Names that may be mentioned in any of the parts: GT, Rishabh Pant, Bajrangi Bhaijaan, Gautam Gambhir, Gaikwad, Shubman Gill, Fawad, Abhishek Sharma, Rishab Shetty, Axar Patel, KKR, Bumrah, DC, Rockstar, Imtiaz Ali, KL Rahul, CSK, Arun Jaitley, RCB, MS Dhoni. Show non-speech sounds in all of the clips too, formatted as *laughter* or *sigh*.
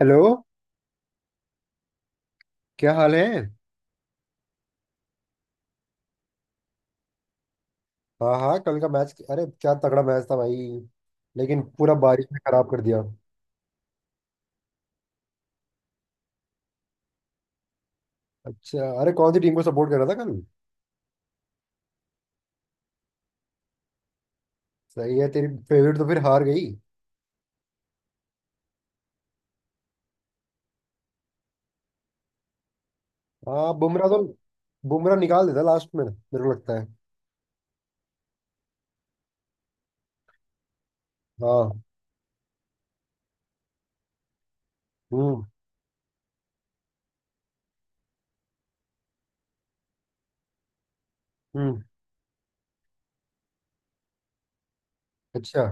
Hello. क्या हाल है? हाँ हाँ, कल का मैच। अरे क्या तगड़ा मैच था भाई। लेकिन पूरा बारिश ने खराब कर दिया। अच्छा। अरे कौन सी टीम को सपोर्ट कर रहा था कल? सही है। तेरी फेवरेट तो फिर हार गई। हाँ, बुमराह तो। बुमराह निकाल देता लास्ट में, मेरे को लगता है। हाँ। हम्म हम्म। अच्छा।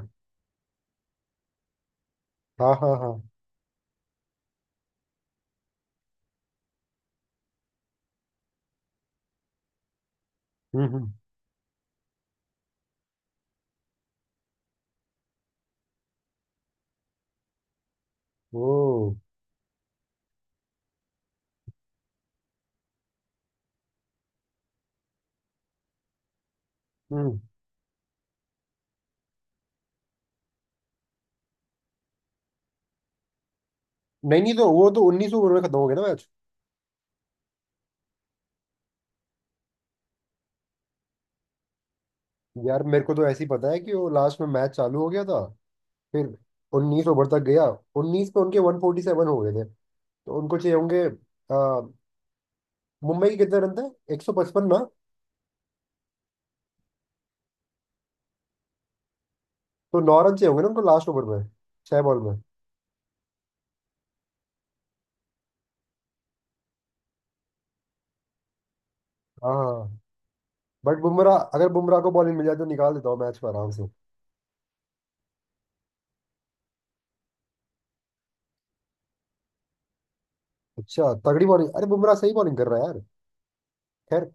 हाँ हाँ हाँ। हम्म। ओ। हम्म। नहीं नहीं, तो वो तो 19 ओवर में खत्म हो गया ना मैच। यार, मेरे को तो ऐसे ही पता है कि वो लास्ट में मैच चालू हो गया था फिर 19 ओवर तक गया। 19 पे उनके 147 हो गए थे। तो उनको चाहिए होंगे आ, मुंबई के कितने रन थे, 155 ना? तो 9 रन चाहिए होंगे ना उनको लास्ट ओवर में। 6 बॉल में। हाँ, बट बुमराह, अगर बुमराह को बॉलिंग मिल जाए तो निकाल देता हूँ मैच को आराम से। अच्छा, तगड़ी बॉलिंग। अरे बुमराह सही बॉलिंग कर रहा है यार। खैर।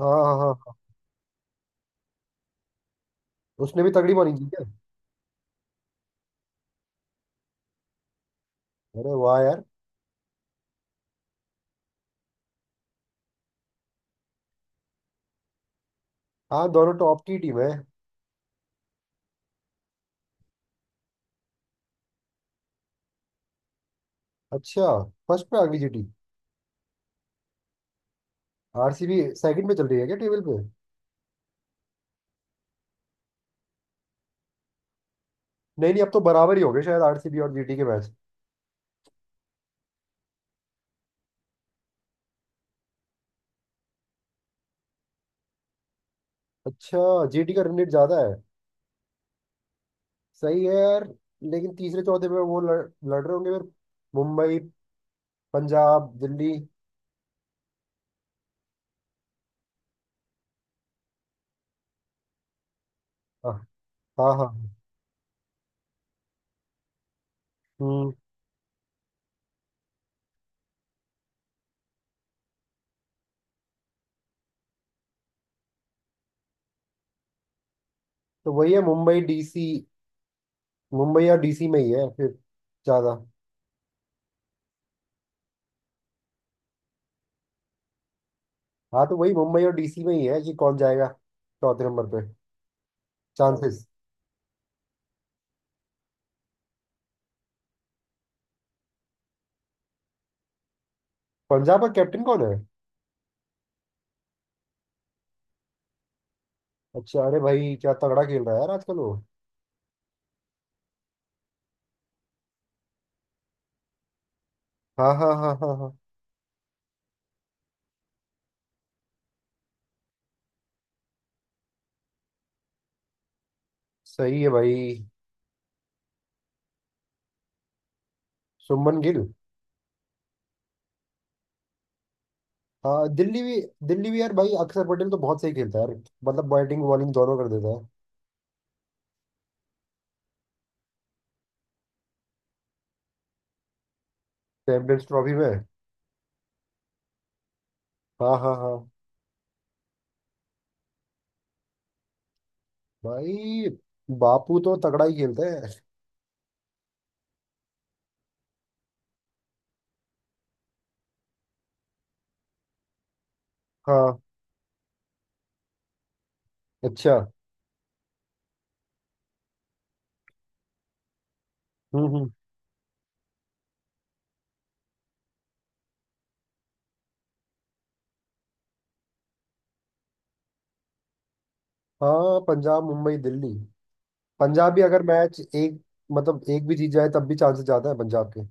हाँ हाँ हाँ। उसने भी तगड़ी बॉलिंग की क्या? अरे वाह यार। हाँ, दोनों टॉप की टीम है। अच्छा। फर्स्ट पे आ गई जीटी? आरसीबी सेकंड पे चल रही है क्या टेबल पे? नहीं नहीं, अब तो बराबर ही हो गए शायद आरसीबी और जीटी के मैच। अच्छा। जीटी का रन रेट ज्यादा है। सही है यार। लेकिन तीसरे चौथे में वो लड़ रहे होंगे फिर। मुंबई, पंजाब, दिल्ली। हाँ हाँ हाँ। हम्म। तो वही है, मुंबई डीसी। मुंबई और डीसी में ही है फिर ज्यादा। हाँ, तो वही मुंबई और डीसी में ही है कि कौन जाएगा चौथे नंबर पे। चांसेस। पंजाब का कैप्टन कौन है? अच्छा। अरे भाई क्या तगड़ा खेल रहा है यार आजकल वो। हाँ हाँ हाँ हाँ हाँ। सही है भाई। शुभमन गिल। हाँ, दिल्ली भी। दिल्ली भी यार भाई, अक्षर पटेल तो बहुत सही खेलता है यार। मतलब बैटिंग बॉलिंग दोनों कर देता है। चैंपियंस ट्रॉफी में। हाँ हाँ हाँ। भाई बापू तो तगड़ा ही खेलते हैं। हाँ। अच्छा। हम्म। हाँ, पंजाब मुंबई दिल्ली। पंजाब भी अगर मैच एक, मतलब एक भी जीत जाए तब भी चांसेस ज्यादा है पंजाब के।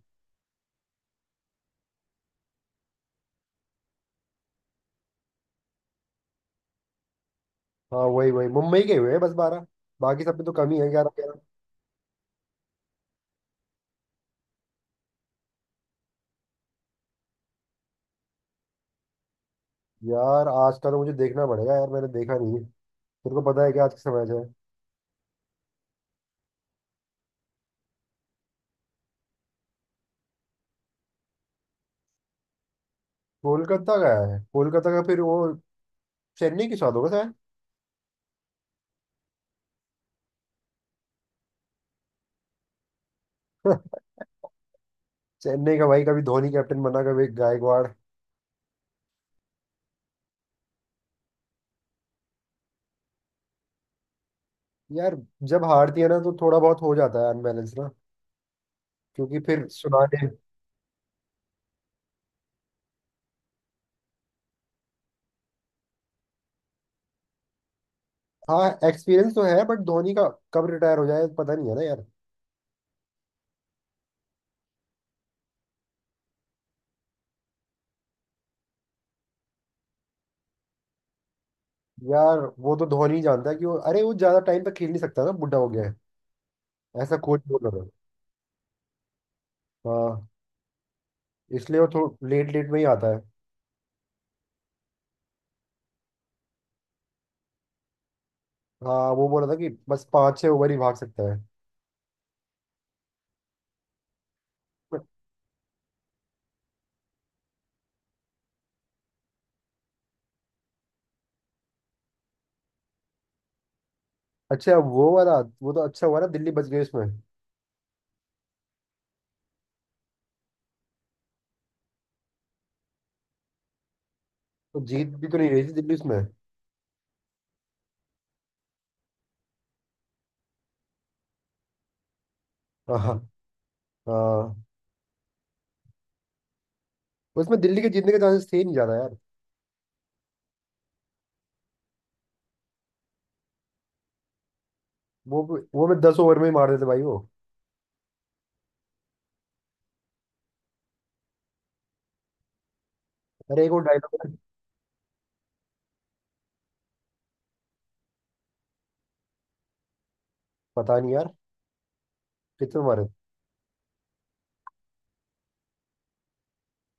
हाँ वही वही, मुंबई के हुए हैं बस 12। बाकी सब में तो कमी है, ग्यारह ग्यारह। यार आज का तो मुझे देखना पड़ेगा यार, मैंने देखा नहीं है। तेरे को पता है कि आज किसका मैच है? कोलकाता का है। कोलकाता का, फिर वो चेन्नई के साथ होगा शायद। *laughs* चेन्नई का भाई, कभी धोनी कैप्टन बना कभी गायकवाड़। यार, जब हारती है ना तो थोड़ा बहुत हो जाता है अनबैलेंस ना। क्योंकि फिर सुनाने। हाँ, एक्सपीरियंस तो है। बट धोनी का कब रिटायर हो जाए पता नहीं है ना यार। यार, वो तो धोनी ही जानता है कि वो, अरे वो ज्यादा टाइम तक खेल नहीं सकता ना, बुढ़ा हो गया है। ऐसा कोच बोल रहा था। हाँ, इसलिए वो थोड़ा लेट लेट में ही आता है। हाँ, वो बोल रहा था कि बस पाँच छह ओवर ही भाग सकता है। But, अच्छा वो वाला, वो तो अच्छा हुआ ना दिल्ली बच गई उसमें। तो जीत भी तो नहीं रही थी दिल्ली उसमें। हाँ हाँ हाँ। उसमें दिल्ली के जीतने के चांसेस थे ही नहीं ज्यादा यार। वो वो मैं 10 ओवर में ही मार देते भाई वो। अरे एक वो डायलॉग। पता नहीं यार कितने मारे।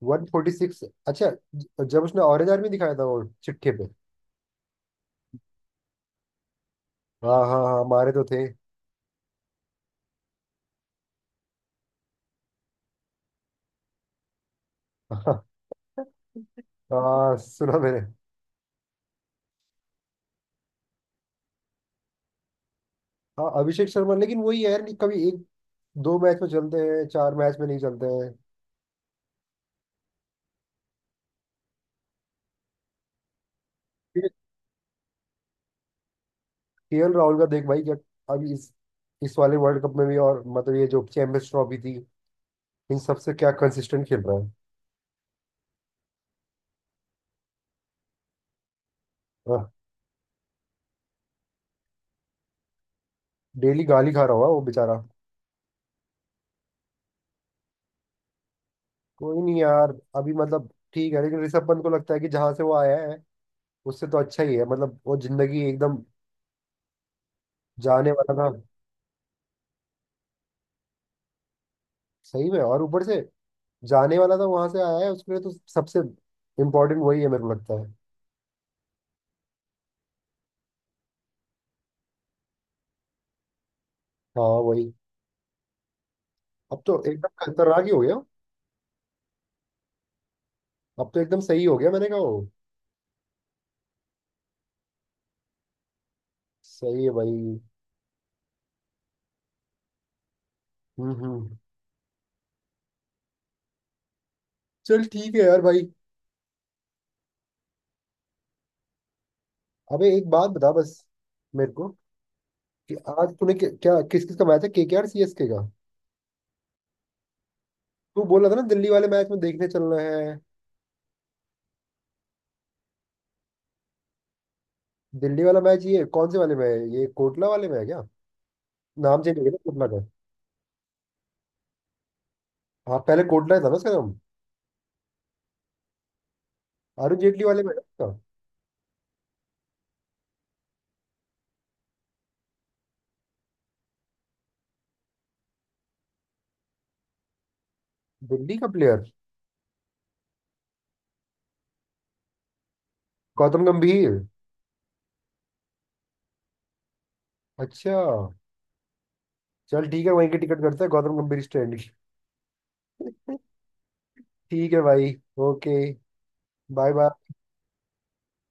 146, अच्छा। जब उसने ऑरेंज आर्मी दिखाया था वो चिट्ठी पे। हाँ हाँ हाँ, मारे तो थे। *laughs* हाँ। हाँ, सुना मैंने। हाँ, अभिषेक शर्मा। लेकिन वही है यार कि कभी एक दो मैच में चलते हैं, चार मैच में नहीं चलते हैं। केएल राहुल का देख भाई क्या, अभी इस वाले वर्ल्ड कप में भी, और मतलब ये जो चैंपियंस ट्रॉफी थी, इन सबसे क्या कंसिस्टेंट खेल रहा है। आह, डेली गाली खा रहा होगा वो बेचारा। कोई नहीं यार, अभी मतलब ठीक है। लेकिन ऋषभ पंत को लगता है कि जहां से वो आया है, उससे तो अच्छा ही है। मतलब वो जिंदगी एकदम जाने वाला था। सही में, और ऊपर से जाने वाला था वहां से आया है, उसके लिए तो सबसे इम्पोर्टेंट वही है मेरे को लगता है। हाँ, वही। अब तो एकदम खतरनाक ही हो गया। अब तो एकदम सही हो गया, मैंने कहा वो। सही है भाई। हम्म। चल ठीक है यार भाई। अबे एक बात बता बस मेरे को कि आज तूने क्या किस किस का मैच है, केकेआर सीएसके का? तू बोल रहा था ना दिल्ली वाले मैच में देखने चलना है। दिल्ली वाला मैच ये कौन से वाले में है? ये कोटला वाले में है क्या? नाम चेंज हो गया ना कोटला का। हाँ, पहले कोटला ही था ना उसका नाम। अरुण जेटली वाले में है ना उसका। दिल्ली का प्लेयर। गौतम गंभीर। अच्छा। चल ठीक है, वहीं की टिकट करते हैं गौतम गंभीर स्टैंड की। ठीक है भाई। ओके। Bye bye.